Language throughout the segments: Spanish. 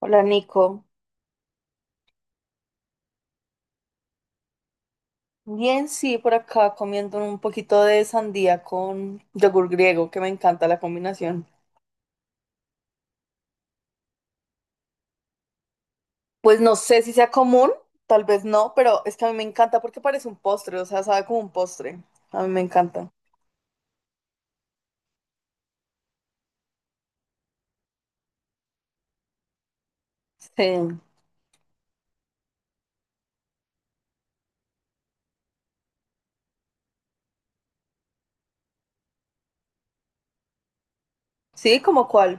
Hola Nico. Bien, sí, por acá comiendo un poquito de sandía con yogur griego, que me encanta la combinación. Pues no sé si sea común, tal vez no, pero es que a mí me encanta porque parece un postre, o sea, sabe como un postre. A mí me encanta. Sí, sí, ¿como cuál?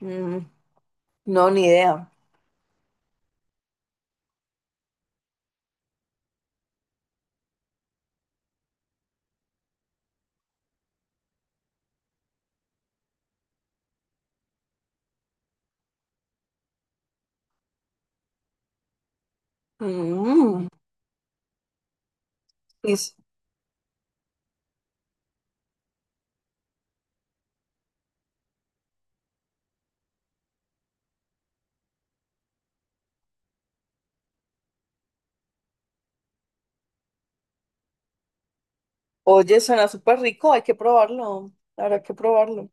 Mm, no, ni idea. Mm, y s- oye, suena súper rico, hay que probarlo, habrá que probarlo.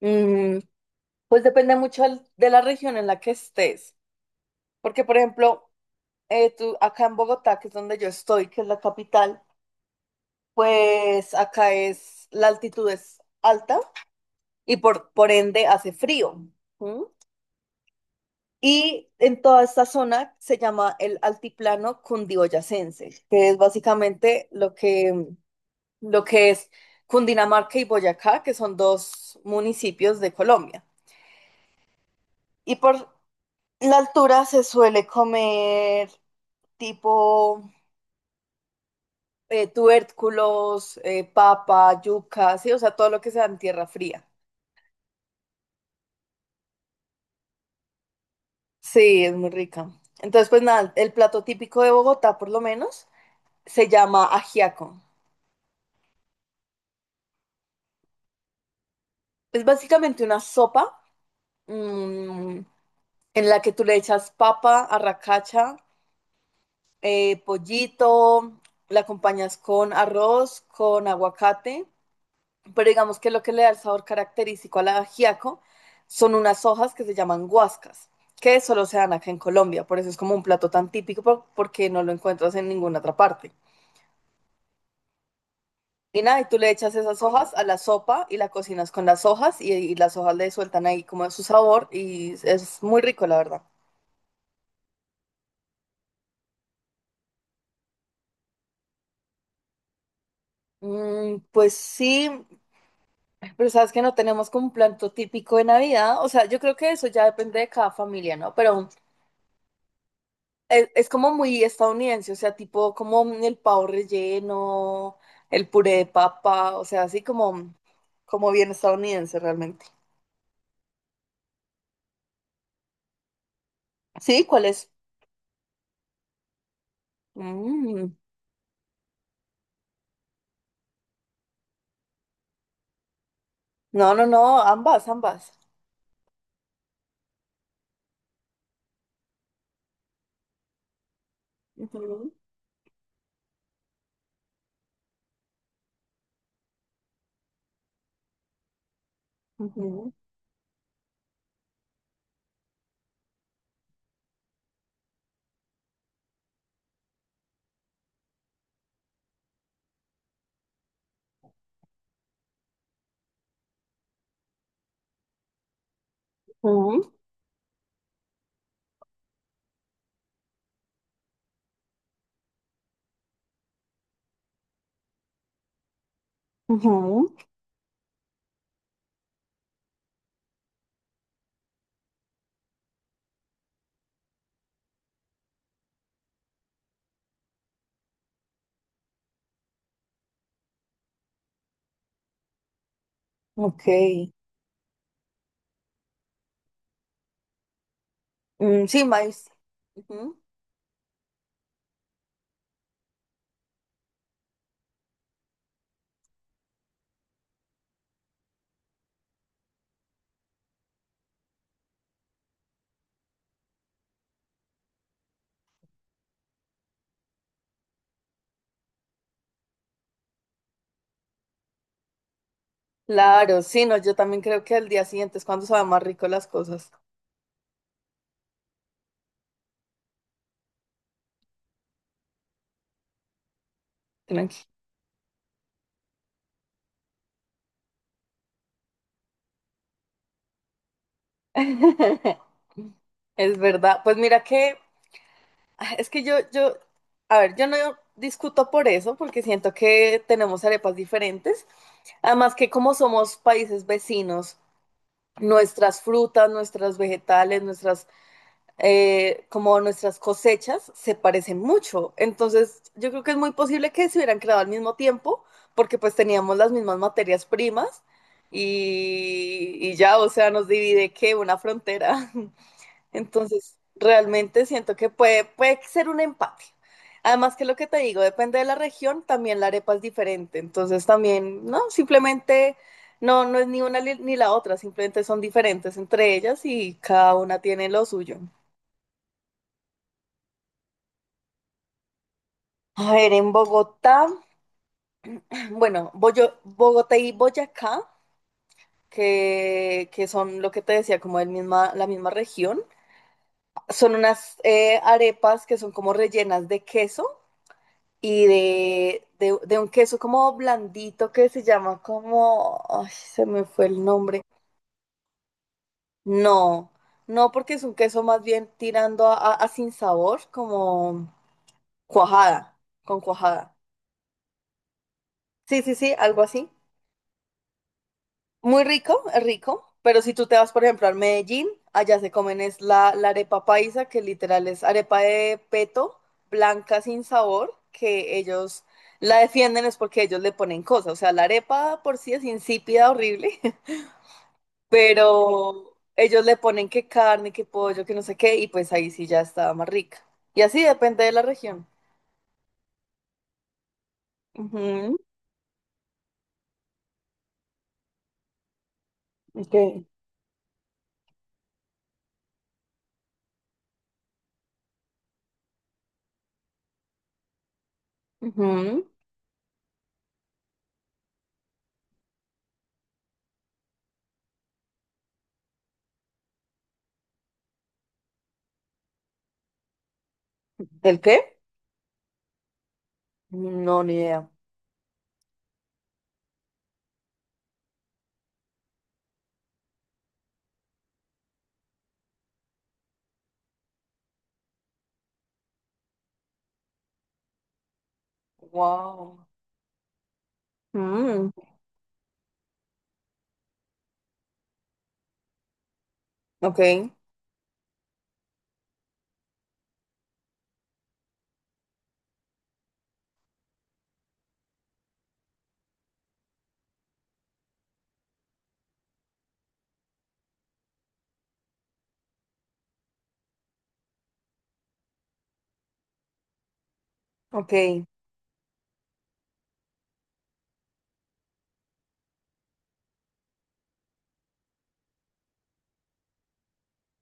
Mm, pues depende mucho de la región en la que estés, porque por ejemplo... tú, acá en Bogotá, que es donde yo estoy, que es la capital, pues acá es la altitud es alta y por ende hace frío. ¿M? Y en toda esta zona se llama el altiplano cundiboyacense, que es básicamente lo que es Cundinamarca y Boyacá, que son dos municipios de Colombia. Y por la altura se suele comer tipo tubérculos, papa, yuca, sí, o sea, todo lo que sea en tierra fría. Sí, es muy rica. Entonces, pues nada, el plato típico de Bogotá, por lo menos, se llama ajiaco. Es básicamente una sopa mm, en la que tú le echas papa, arracacha, pollito, la acompañas con arroz, con aguacate. Pero digamos que lo que le da el sabor característico al ajiaco son unas hojas que se llaman guascas, que solo se dan acá en Colombia, por eso es como un plato tan típico porque no lo encuentras en ninguna otra parte. Y nada, y tú le echas esas hojas a la sopa y la cocinas con las hojas y las hojas le sueltan ahí como su sabor y es muy rico, la verdad. Pues sí, pero sabes que no tenemos como un plato típico de Navidad, o sea, yo creo que eso ya depende de cada familia, ¿no? Pero es como muy estadounidense, o sea, tipo como el pavo relleno, el puré de papa, o sea, así como, como bien estadounidense realmente. Sí, ¿cuál es? Mm. No, no, no, ambas, ambas. Ujú, ujú, ujú, ujú. Ok. Mm, sí, maíz. Ujú. Claro, sí, no, yo también creo que al día siguiente es cuando saben más rico las cosas. Tranqui. Es verdad. Pues mira que ah, es que yo, a ver, yo no discuto por eso, porque siento que tenemos arepas diferentes. Además que como somos países vecinos, nuestras frutas, nuestras vegetales, como nuestras cosechas se parecen mucho. Entonces, yo creo que es muy posible que se hubieran creado al mismo tiempo, porque pues teníamos las mismas materias primas y ya, o sea, nos divide que una frontera. Entonces, realmente siento que puede ser un empate. Además que lo que te digo, depende de la región, también la arepa es diferente. Entonces también, no, simplemente no, no es ni una li- ni la otra, simplemente son diferentes entre ellas y cada una tiene lo suyo. A ver, en Bogotá, bueno, Bogotá y Boyacá, que son lo que te decía, como el misma, la misma región, son unas arepas que son como rellenas de queso y de un queso como blandito que se llama como, ay, se me fue el nombre. No, no porque es un queso más bien tirando a sin sabor, como cuajada, con cuajada. Sí, sí, sí, algo así. Muy rico, es rico, pero si tú te vas, por ejemplo, a Medellín, allá se comen es la arepa paisa, que literal es arepa de peto, blanca sin sabor, que ellos la defienden es porque ellos le ponen cosas, o sea, la arepa por sí es insípida, horrible, pero ellos le ponen que carne, que pollo, que no sé qué, y pues ahí sí ya está más rica. Y así depende de la región. Ujú. Ok. Ujú. ¿El qué? No, ni idea. Wow. Mm. Ok. Ok.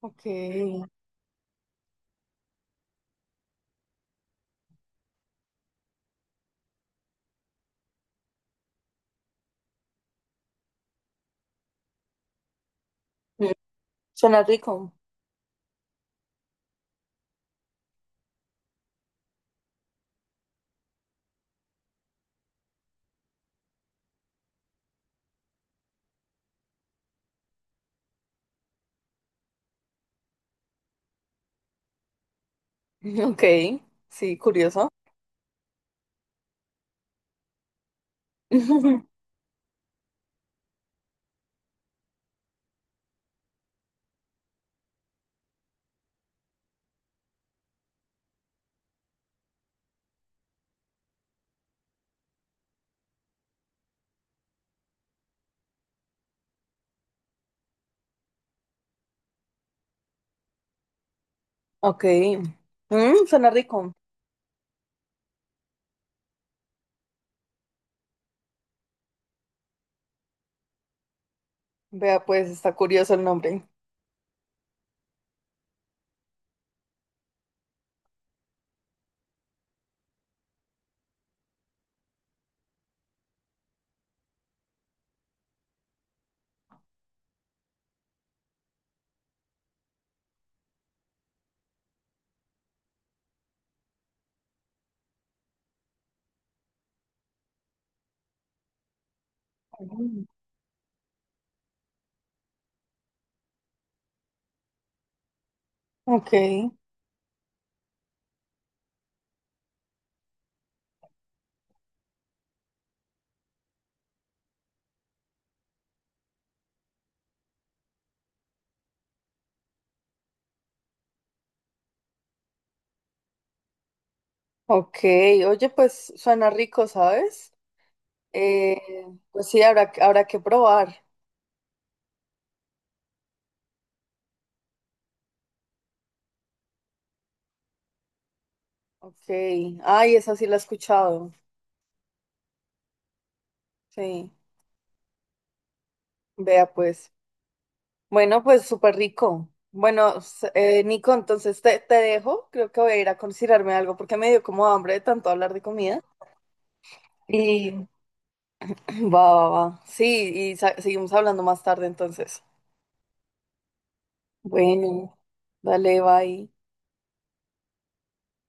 Ok. Mm, suena rico. Ok. Sí, curioso. Ok. Mm, suena rico. Vea, pues está curioso el nombre. Mm. Ok. Ok. Oye, pues suena rico, ¿sabes? Sí. Eh, pues sí, habrá que probar. Ok. Ay, esa sí la he escuchado. Sí. Vea, pues. Bueno, pues súper rico. Bueno, Nico, entonces te dejo. Creo que voy a ir a considerarme algo porque me dio como hambre de tanto hablar de comida. Y va, va, va. Sí, y seguimos hablando más tarde entonces. Bueno, dale, bye.